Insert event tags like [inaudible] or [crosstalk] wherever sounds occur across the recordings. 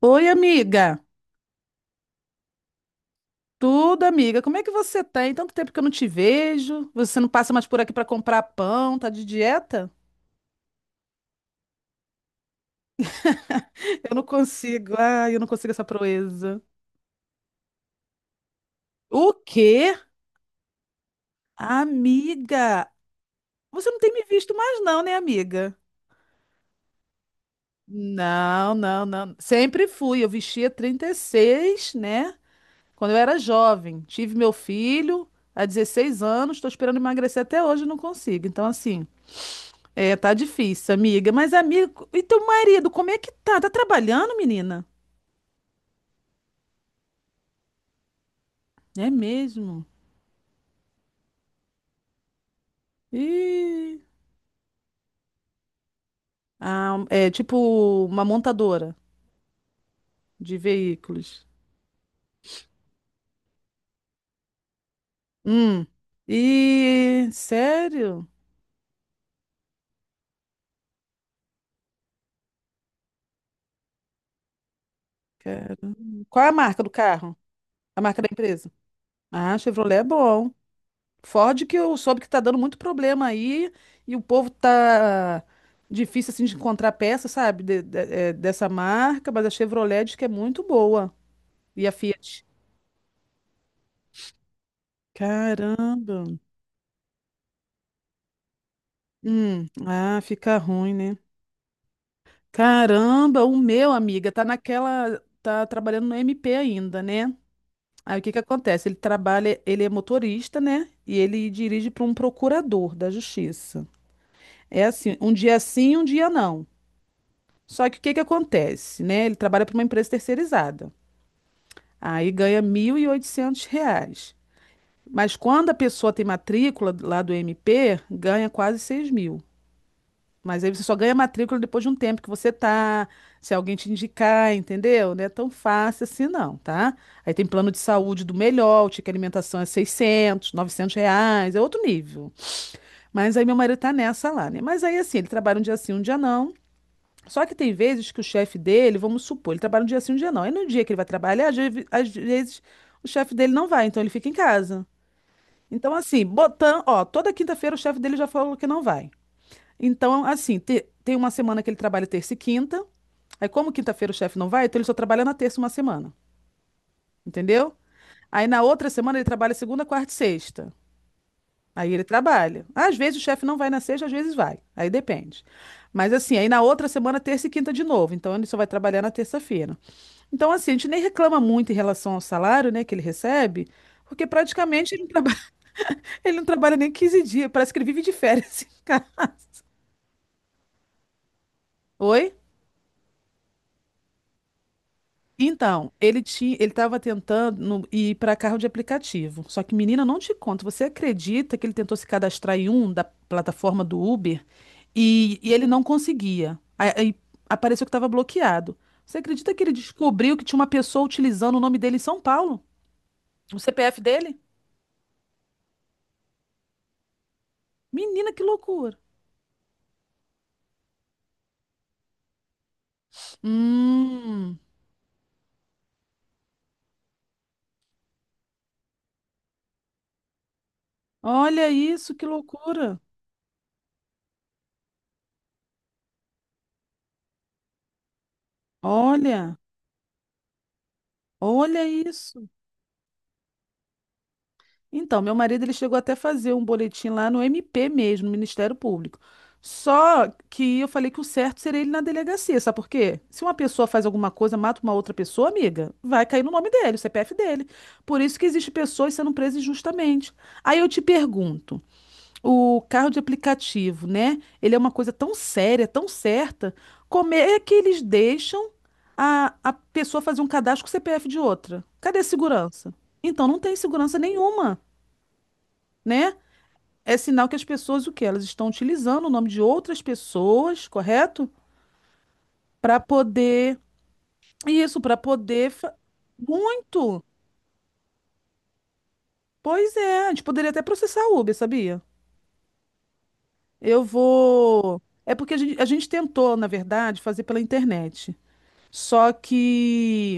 Oi, amiga. Tudo, amiga. Como é que você tá? Tem tanto tempo que eu não te vejo. Você não passa mais por aqui pra comprar pão, tá de dieta? [laughs] Eu não consigo. Ai, eu não consigo essa proeza. O quê? Amiga, você não tem me visto mais não, né, amiga? Não, não, não. Sempre fui. Eu vestia 36, né? Quando eu era jovem. Tive meu filho há 16 anos, tô esperando emagrecer até hoje, e não consigo. Então, assim, é, tá difícil, amiga. Mas, amiga, e teu marido, como é que tá? Tá trabalhando, menina? É mesmo? Ih. Ah, é tipo uma montadora de veículos. Hum. E sério? Cara. Qual é a marca do carro? A marca da empresa? Ah, Chevrolet é bom. Ford que eu soube que tá dando muito problema aí e o povo tá difícil assim de encontrar peça, sabe, dessa marca, mas a Chevrolet diz que é muito boa. E a Fiat? Caramba. Ah, fica ruim, né? Caramba, o meu, amiga, tá naquela, tá trabalhando no MP ainda, né? Aí o que que acontece? Ele trabalha, ele é motorista, né? E ele dirige para um procurador da justiça. É assim, um dia sim, um dia não. Só que o que que acontece, né? Ele trabalha para uma empresa terceirizada. Aí ganha R$ 1.800. Mas quando a pessoa tem matrícula lá do MP, ganha quase 6 mil. Mas aí você só ganha matrícula depois de um tempo que você tá, se alguém te indicar, entendeu? Não é tão fácil assim não, tá? Aí tem plano de saúde do melhor, o ticket alimentação é 600 900 reais, é outro nível. Mas aí meu marido tá nessa lá, né? Mas aí assim, ele trabalha um dia sim, um dia não. Só que tem vezes que o chefe dele, vamos supor, ele trabalha um dia sim, um dia não. Aí no dia que ele vai trabalhar, às vezes o chefe dele não vai, então ele fica em casa. Então assim, botando, ó, toda quinta-feira o chefe dele já falou que não vai. Então, assim, tem uma semana que ele trabalha terça e quinta. Aí, como quinta-feira o chefe não vai, então ele só trabalha na terça uma semana. Entendeu? Aí, na outra semana, ele trabalha segunda, quarta e sexta. Aí ele trabalha. Às vezes o chefe não vai na sexta, às vezes vai. Aí depende. Mas assim, aí na outra semana, terça e quinta de novo. Então ele só vai trabalhar na terça-feira. Então, assim, a gente nem reclama muito em relação ao salário, né, que ele recebe, porque praticamente ele não trabalha, [laughs] ele não trabalha nem 15 dias. Parece que ele vive de férias. [laughs] Oi? Então, ele tinha, ele estava tentando ir para carro de aplicativo. Só que, menina, não te conto. Você acredita que ele tentou se cadastrar em um da plataforma do Uber e ele não conseguia? Aí apareceu que estava bloqueado. Você acredita que ele descobriu que tinha uma pessoa utilizando o nome dele em São Paulo? O CPF dele? Menina, que loucura! Hum, olha isso, que loucura! Olha, olha isso. Então, meu marido ele chegou até a fazer um boletim lá no MP mesmo, no Ministério Público. Só que eu falei que o certo seria ele na delegacia, sabe por quê? Se uma pessoa faz alguma coisa, mata uma outra pessoa, amiga, vai cair no nome dele, o CPF dele. Por isso que existe pessoas sendo presas injustamente. Aí eu te pergunto, o carro de aplicativo, né? Ele é uma coisa tão séria, tão certa, como é que eles deixam a pessoa fazer um cadastro com o CPF de outra? Cadê a segurança? Então não tem segurança nenhuma, né? É sinal que as pessoas, o quê? Elas estão utilizando o nome de outras pessoas, correto? Para poder. Isso, para poder. Muito! Pois é, a gente poderia até processar a Uber, sabia? Eu vou. É porque a gente tentou, na verdade, fazer pela internet. Só que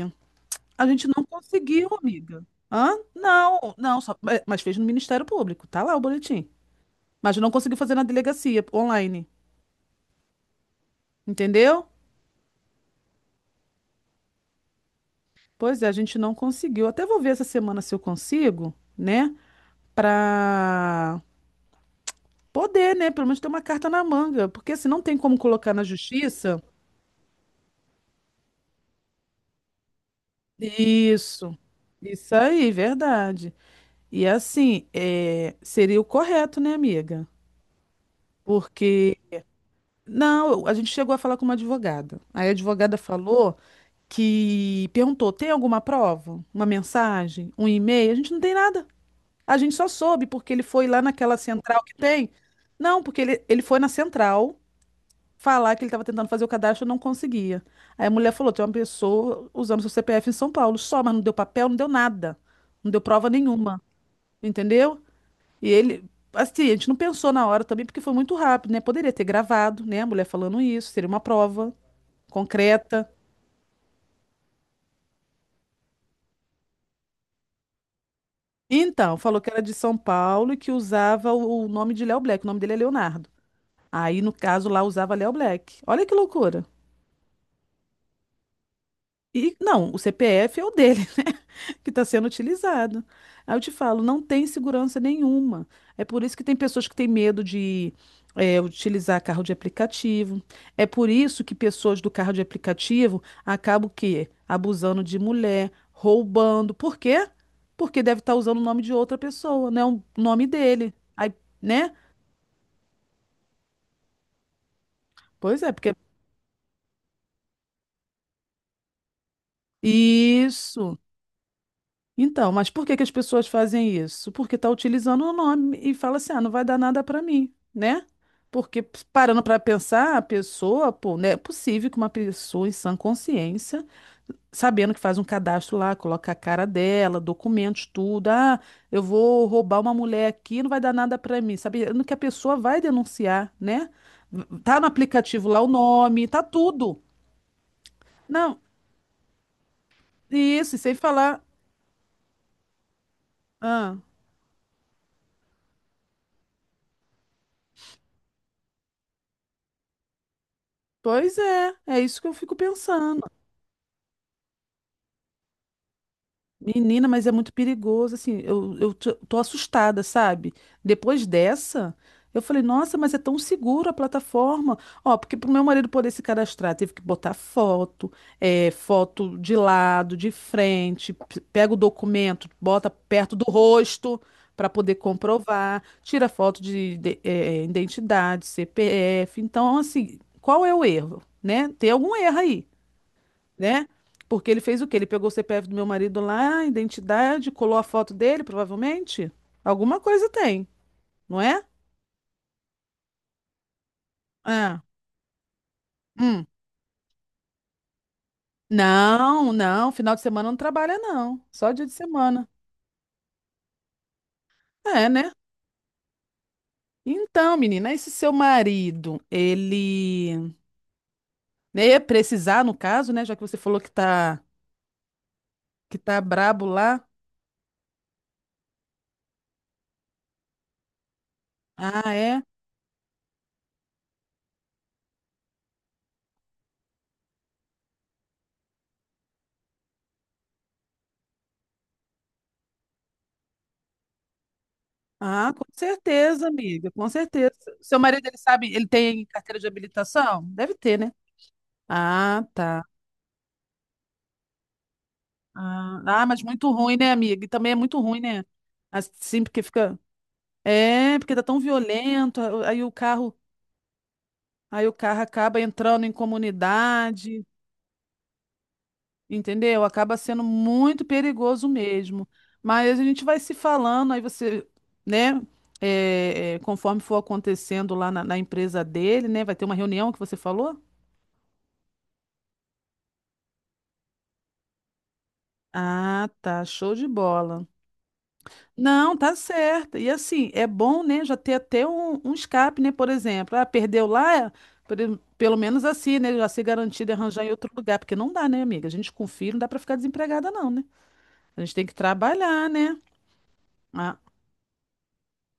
a gente não conseguiu, amiga. Hã? Não, não, só... é, mas fez no Ministério Público. Tá lá o boletim. Mas não conseguiu fazer na delegacia online. Entendeu? Pois é, a gente não conseguiu. Até vou ver essa semana se eu consigo, né? Pra poder, né? Pelo menos ter uma carta na manga. Porque se não tem como colocar na justiça. Isso. Isso aí, verdade. E assim, é, seria o correto, né, amiga? Porque. Não, a gente chegou a falar com uma advogada. Aí a advogada falou que perguntou: tem alguma prova? Uma mensagem? Um e-mail? A gente não tem nada. A gente só soube porque ele foi lá naquela central que tem. Não, porque ele foi na central falar que ele estava tentando fazer o cadastro e não conseguia. Aí a mulher falou: tem uma pessoa usando seu CPF em São Paulo só, mas não deu papel, não deu nada. Não deu prova nenhuma. Entendeu? E ele, assim, a gente não pensou na hora também, porque foi muito rápido, né? Poderia ter gravado, né? A mulher falando isso, seria uma prova concreta. Então, falou que era de São Paulo e que usava o nome de Léo Black. O nome dele é Leonardo. Aí, no caso, lá usava Léo Black. Olha que loucura. E não, o CPF é o dele, [laughs] né? Que está sendo utilizado. Aí eu te falo, não tem segurança nenhuma. É por isso que tem pessoas que têm medo de utilizar carro de aplicativo. É por isso que pessoas do carro de aplicativo acabam o quê? Abusando de mulher, roubando. Por quê? Porque deve estar usando o nome de outra pessoa, né? O nome dele. Aí, né? Pois é, porque. É Isso. Então, mas por que que as pessoas fazem isso? Porque tá utilizando o nome e fala assim, ah, não vai dar nada para mim, né? Porque parando para pensar, a pessoa, pô, né? É possível que uma pessoa em sã consciência, sabendo que faz um cadastro lá, coloca a cara dela, documentos, tudo, ah, eu vou roubar uma mulher aqui, não vai dar nada para mim, sabendo que a pessoa vai denunciar, né? Tá no aplicativo lá o nome, tá tudo. Não, isso, e sem falar, ah, pois é, é isso que eu fico pensando. Menina, mas é muito perigoso, assim, eu tô assustada, sabe? Depois dessa, eu falei, nossa, mas é tão seguro a plataforma. Ó, porque pro meu marido poder se cadastrar, teve que botar foto, é, foto de lado, de frente, pega o documento, bota perto do rosto para poder comprovar, tira foto de, identidade, CPF. Então, assim, qual é o erro, né? Tem algum erro aí né? Porque ele fez o quê? Ele pegou o CPF do meu marido lá, a identidade, colou a foto dele, provavelmente. Alguma coisa tem, não é? Ah, hum. Não, não, final de semana não trabalha, não. Só dia de semana. É, né? Então, menina, esse seu marido, ele né, ia precisar, no caso, né? Já que você falou que tá brabo lá. Ah, é? Ah, com certeza, amiga, com certeza. Seu marido, ele sabe, ele tem carteira de habilitação? Deve ter, né? Ah, tá. Ah, ah, mas muito ruim, né, amiga? E também é muito ruim, né? Assim, porque fica. É, porque tá tão violento. Aí o carro acaba entrando em comunidade, entendeu? Acaba sendo muito perigoso mesmo. Mas a gente vai se falando, aí você, né? Conforme for acontecendo lá na na empresa dele, né? Vai ter uma reunião que você falou? Ah, tá. Show de bola. Não, tá certo. E assim, é bom, né, já ter até um, um escape, né, por exemplo. Ah, perdeu lá, pelo menos assim, né, já ser garantido e arranjar em outro lugar, porque não dá, né, amiga? A gente com filho não dá pra ficar desempregada não, né? A gente tem que trabalhar, né? Ah,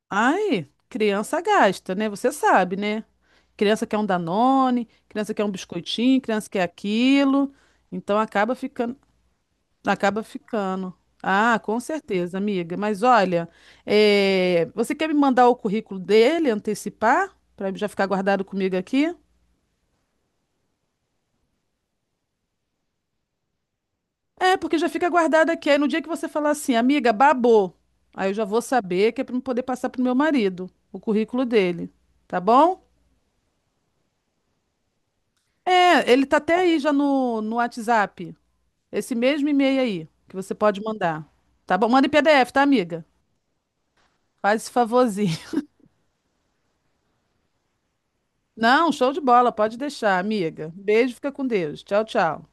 ai, criança gasta, né? Você sabe, né? Criança quer um Danone, criança quer um biscoitinho, criança quer aquilo. Então acaba ficando. Acaba ficando. Ah, com certeza, amiga. Mas olha, é, você quer me mandar o currículo dele, antecipar, para já ficar guardado comigo aqui? É, porque já fica guardado aqui. Aí no dia que você falar assim, amiga, babou, aí eu já vou saber que é para poder passar pro meu marido o currículo dele, tá bom? É, ele tá até aí já no, no WhatsApp, esse mesmo e-mail aí que você pode mandar, tá bom? Manda em PDF, tá, amiga? Faz esse favorzinho. Não, show de bola, pode deixar, amiga. Beijo, fica com Deus. Tchau, tchau.